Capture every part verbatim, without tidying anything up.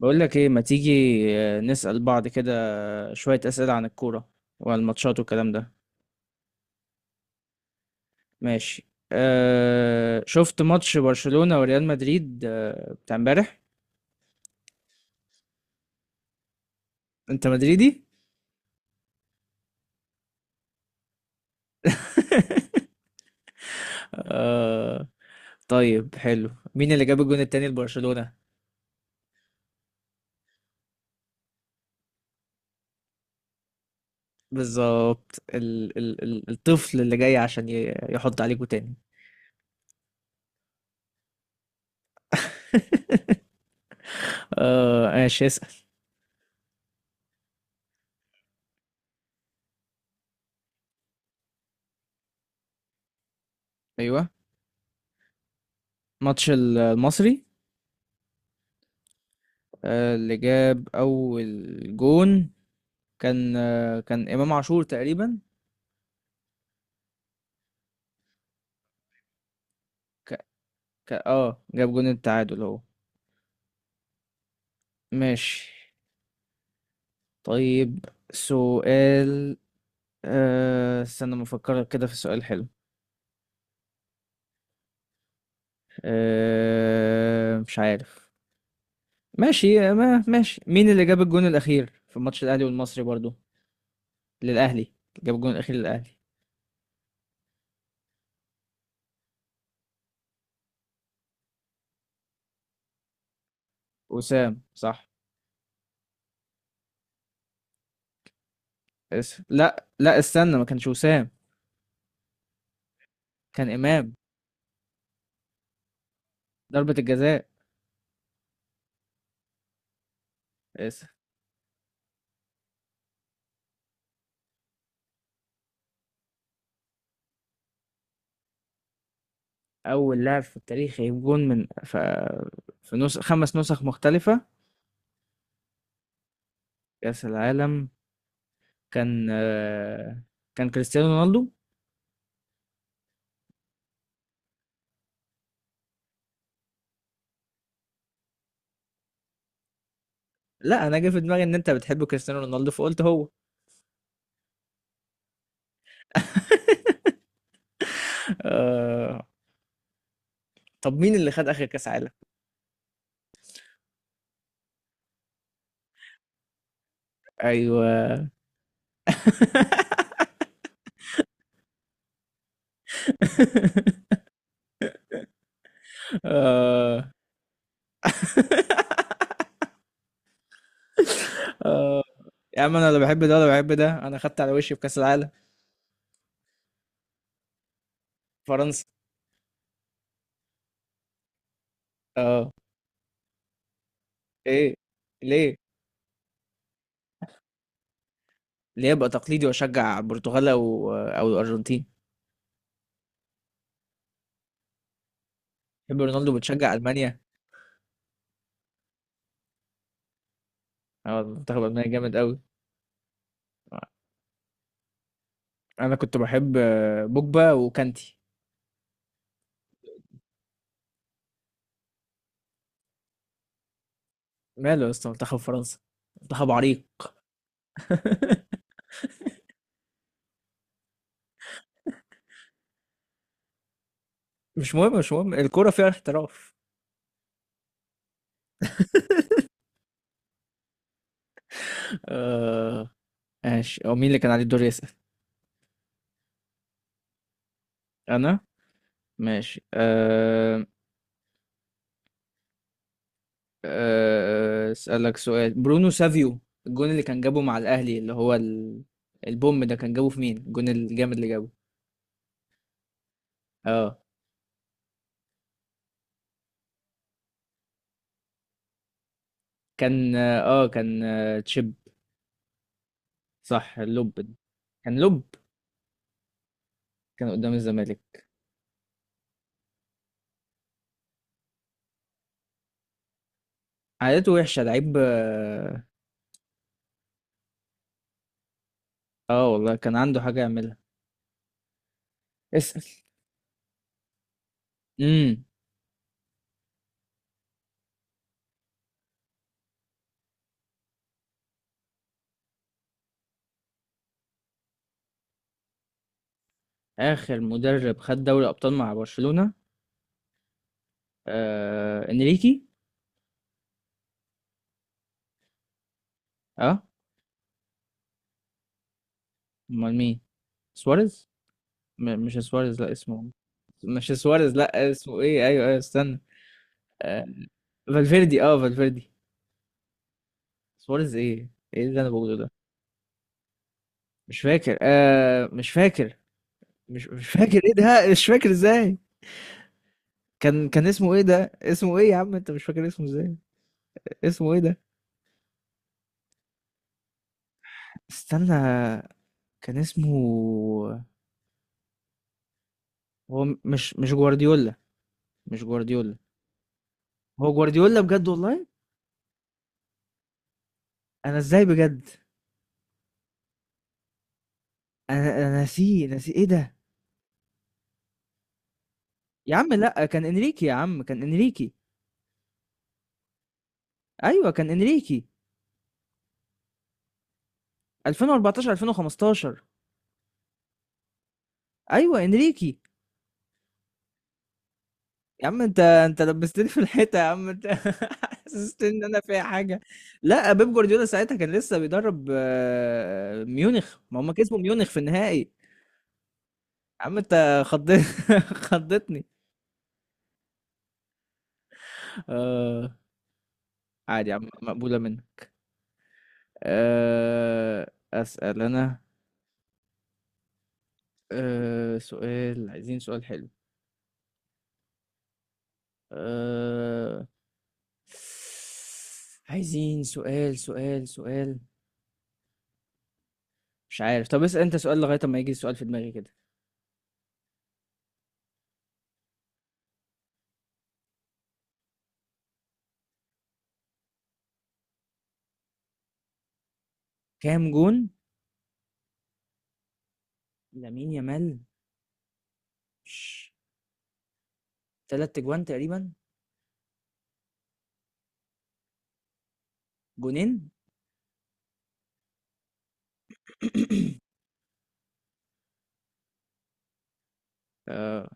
بقول لك ايه، ما تيجي آه، نسأل بعض كده، شوية أسئلة عن الكورة والماتشات والكلام ده. ماشي. أه شفت ماتش برشلونة وريال مدريد آه، بتاع امبارح؟ انت مدريدي؟ أه. طيب حلو، مين اللي جاب الجون التاني لبرشلونة؟ بالظبط، ال ال ال الطفل اللي جاي عشان ي- يحط عليكوا تاني. أه ماشي، اسأل. ايوه. ماتش ال- المصري. آه، اللي جاب اول جون كان آه، كان إمام عاشور تقريبا. ك... ك... اه جاب جون التعادل اهو. ماشي. طيب. سؤال. آه... استنى ما افكر كده في سؤال حلو. آه... مش عارف. ماشي، ما ماشي مين اللي جاب الجون الأخير في ماتش الأهلي والمصري برضو؟ للأهلي. جاب الجون الأخير للأهلي. وسام صح؟ اسف، لا لا استنى، ما كانش وسام. كان إمام. ضربة الجزاء. اسف. أول لاعب في التاريخ يجيب جون من ف... في نسخ، خمس نسخ مختلفة، كأس العالم. كان آه، كان كريستيانو رونالدو. لا أنا جه في دماغي إن أنت بتحب كريستيانو رونالدو فقلت هو. آه... طب مين اللي خد آخر كأس عالم؟ أيوه. آه... آه... يا عم أنا لا بحب ده ولا بحب ده، أنا خدت على وشي في كأس العالم. فرنسا. أه. إيه؟ ليه؟ ليه أبقى تقليدي وأشجع برتغال أو آه، أو الأرجنتين؟ بتحب رونالدو بتشجع ألمانيا؟ اه، المنتخب الألماني جامد قوي. أنا كنت بحب آه، بوجبا وكانتي. ماله يا اسطى منتخب فرنسا؟ منتخب عريق. مش مهم، مش مهم، الكورة فيها احتراف. آه ماشي، هو مين اللي كان عليه الدور يسأل؟ أنا. ماشي آه. آه أسألك سؤال، برونو سافيو، الجون اللي كان جابه مع الأهلي اللي هو ال... البوم ده، كان جابه في مين الجون الجامد اللي جابه؟ اه كان اه آه، كان آه تشيب. صح، اللوب. كان لوب. كان قدام الزمالك. عادته وحشة لعيب، اه. آه والله، كان عنده حاجة يعملها. اسأل. امم. آخر مدرب خد دوري أبطال مع برشلونة؟ آه انريكي. اه. امال مين؟ سواريز. م- مش سواريز، لا اسمه. مش سواريز، لا اسمه ايه، ايوه ايوه استنى. آه فالفيردي، اه فالفيردي. سواريز ايه؟ ايه اللي انا بقوله ده؟ مش فاكر، آه مش فاكر، مش مش فاكر، ايه ده مش فاكر ازاي؟ كان كان اسمه ايه ده؟ اسمه ايه يا عم، انت مش فاكر اسمه ازاي؟ اسمه ايه ده؟ استنى. كان اسمه. هو م- مش مش جوارديولا، مش جوارديولا. هو جوارديولا بجد والله؟ انا ازاي بجد؟ انا انا ناسيه، ناسي ايه ده؟ يا عم لا، كان انريكي، يا عم كان انريكي. ايوه كان انريكي ألفين وأربعتاشر، ألفين وخمستاشر. ايوه انريكي. يا عم انت، انت لبستني في الحيطه يا عم، انت. حسستني ان انا فيها حاجه. لا، بيب جوارديولا ساعتها كان لسه بيدرب آه، ميونخ، ما هم كسبوا ميونخ في النهائي. يا عم انت خضت. خضتني. آه عادي عم، مقبولة منك. آه أسأل أنا. آه سؤال، عايزين سؤال حلو. آه عايزين سؤال، سؤال سؤال. مش عارف، طب اسأل أنت سؤال لغاية ما يجي سؤال في دماغي كده. كام جون لامين يامال؟ ش- تلات جوان تقريبا. جونين. آه.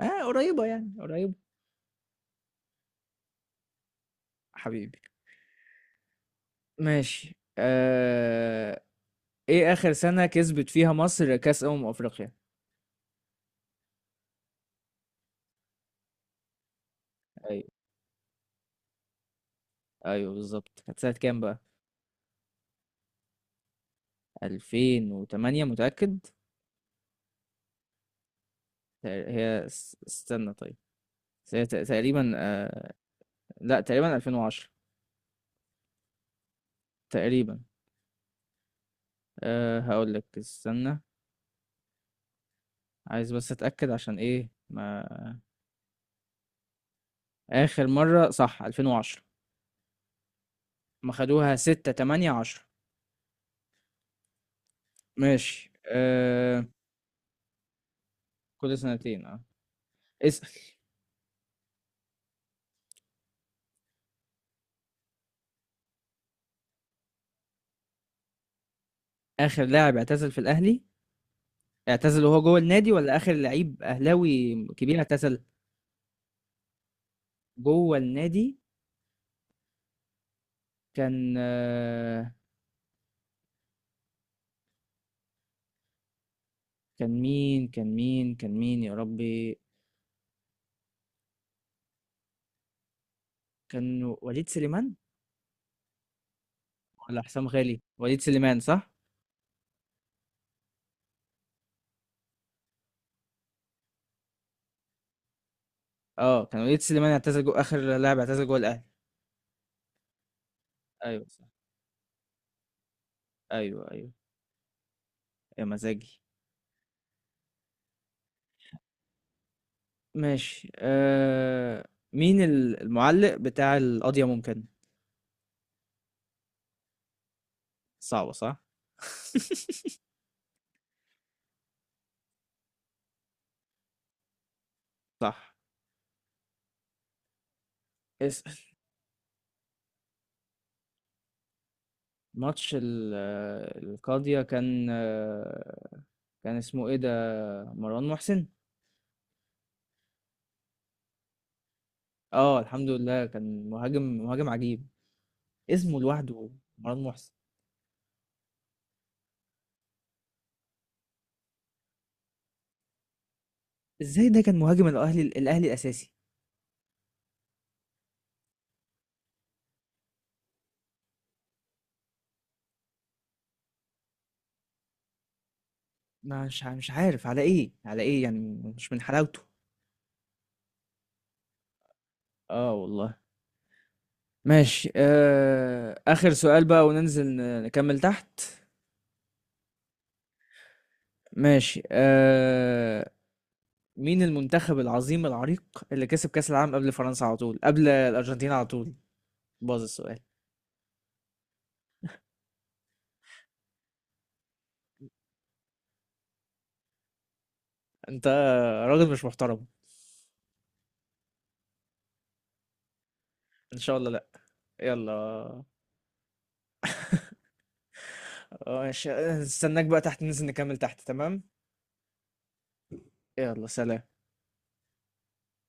اه قريبة يعني، قريبة. حبيبي. ماشي آه. ايه اخر سنة كسبت فيها مصر كأس أمم أفريقيا؟ أيوة. ايوه، بالظبط، كانت سنة كام بقى؟ ألفين وثمانية متأكد؟ تق- هي س- استنى طيب. بس هي تق- تقريبا آه... لا تقريبا ألفين وعشرة. تقريبا. آه... هقول لك استنى. عايز بس اتأكد عشان ايه ما. آخر مرة صح ألفين وعشرة. ما خدوها ستة، تمنية، عشرة. ماشي آه... كل سنتين اه. اسأل. آخر لاعب اعتزل في الأهلي، اعتزل وهو جوه النادي ولا آخر لعيب أهلاوي كبير اعتزل؟ جوه النادي. كان آه، كان مين كان مين كان مين يا ربي؟ كان وليد سليمان. ولا حسام غالي، وليد سليمان صح؟ اه كان وليد سليمان، اعتزل جو، اخر لاعب اعتزل جوه الاهلي. ايوه صح، ايوه ايوه. يا مزاجي. ماشي آه... مين ال- المعلق بتاع القضية ممكن؟ صعبة صح؟ صح. اسأل. ماتش ال- آه، القاضية كان آه، كان اسمه ايه ده؟ مروان محسن. اه الحمد لله، كان مهاجم، مهاجم عجيب. اسمه لوحده. مروان محسن. ازاي ده كان مهاجم الاهلي، الاهلي الاساسي؟ مش ع- مش عارف على ايه، على ايه يعني؟ مش من حلاوته. اه والله. ماشي آه... آخر سؤال بقى وننزل ن- نكمل تحت. ماشي آه... مين المنتخب العظيم العريق اللي كسب كأس العالم قبل فرنسا على طول، قبل الأرجنتين على طول؟ باظ السؤال. انت راجل مش محترم. ان شاء الله لا. يلا. آه، ماشي آه، استناك بقى تحت ننزل نكمل تحت، تمام؟ يلا سلام.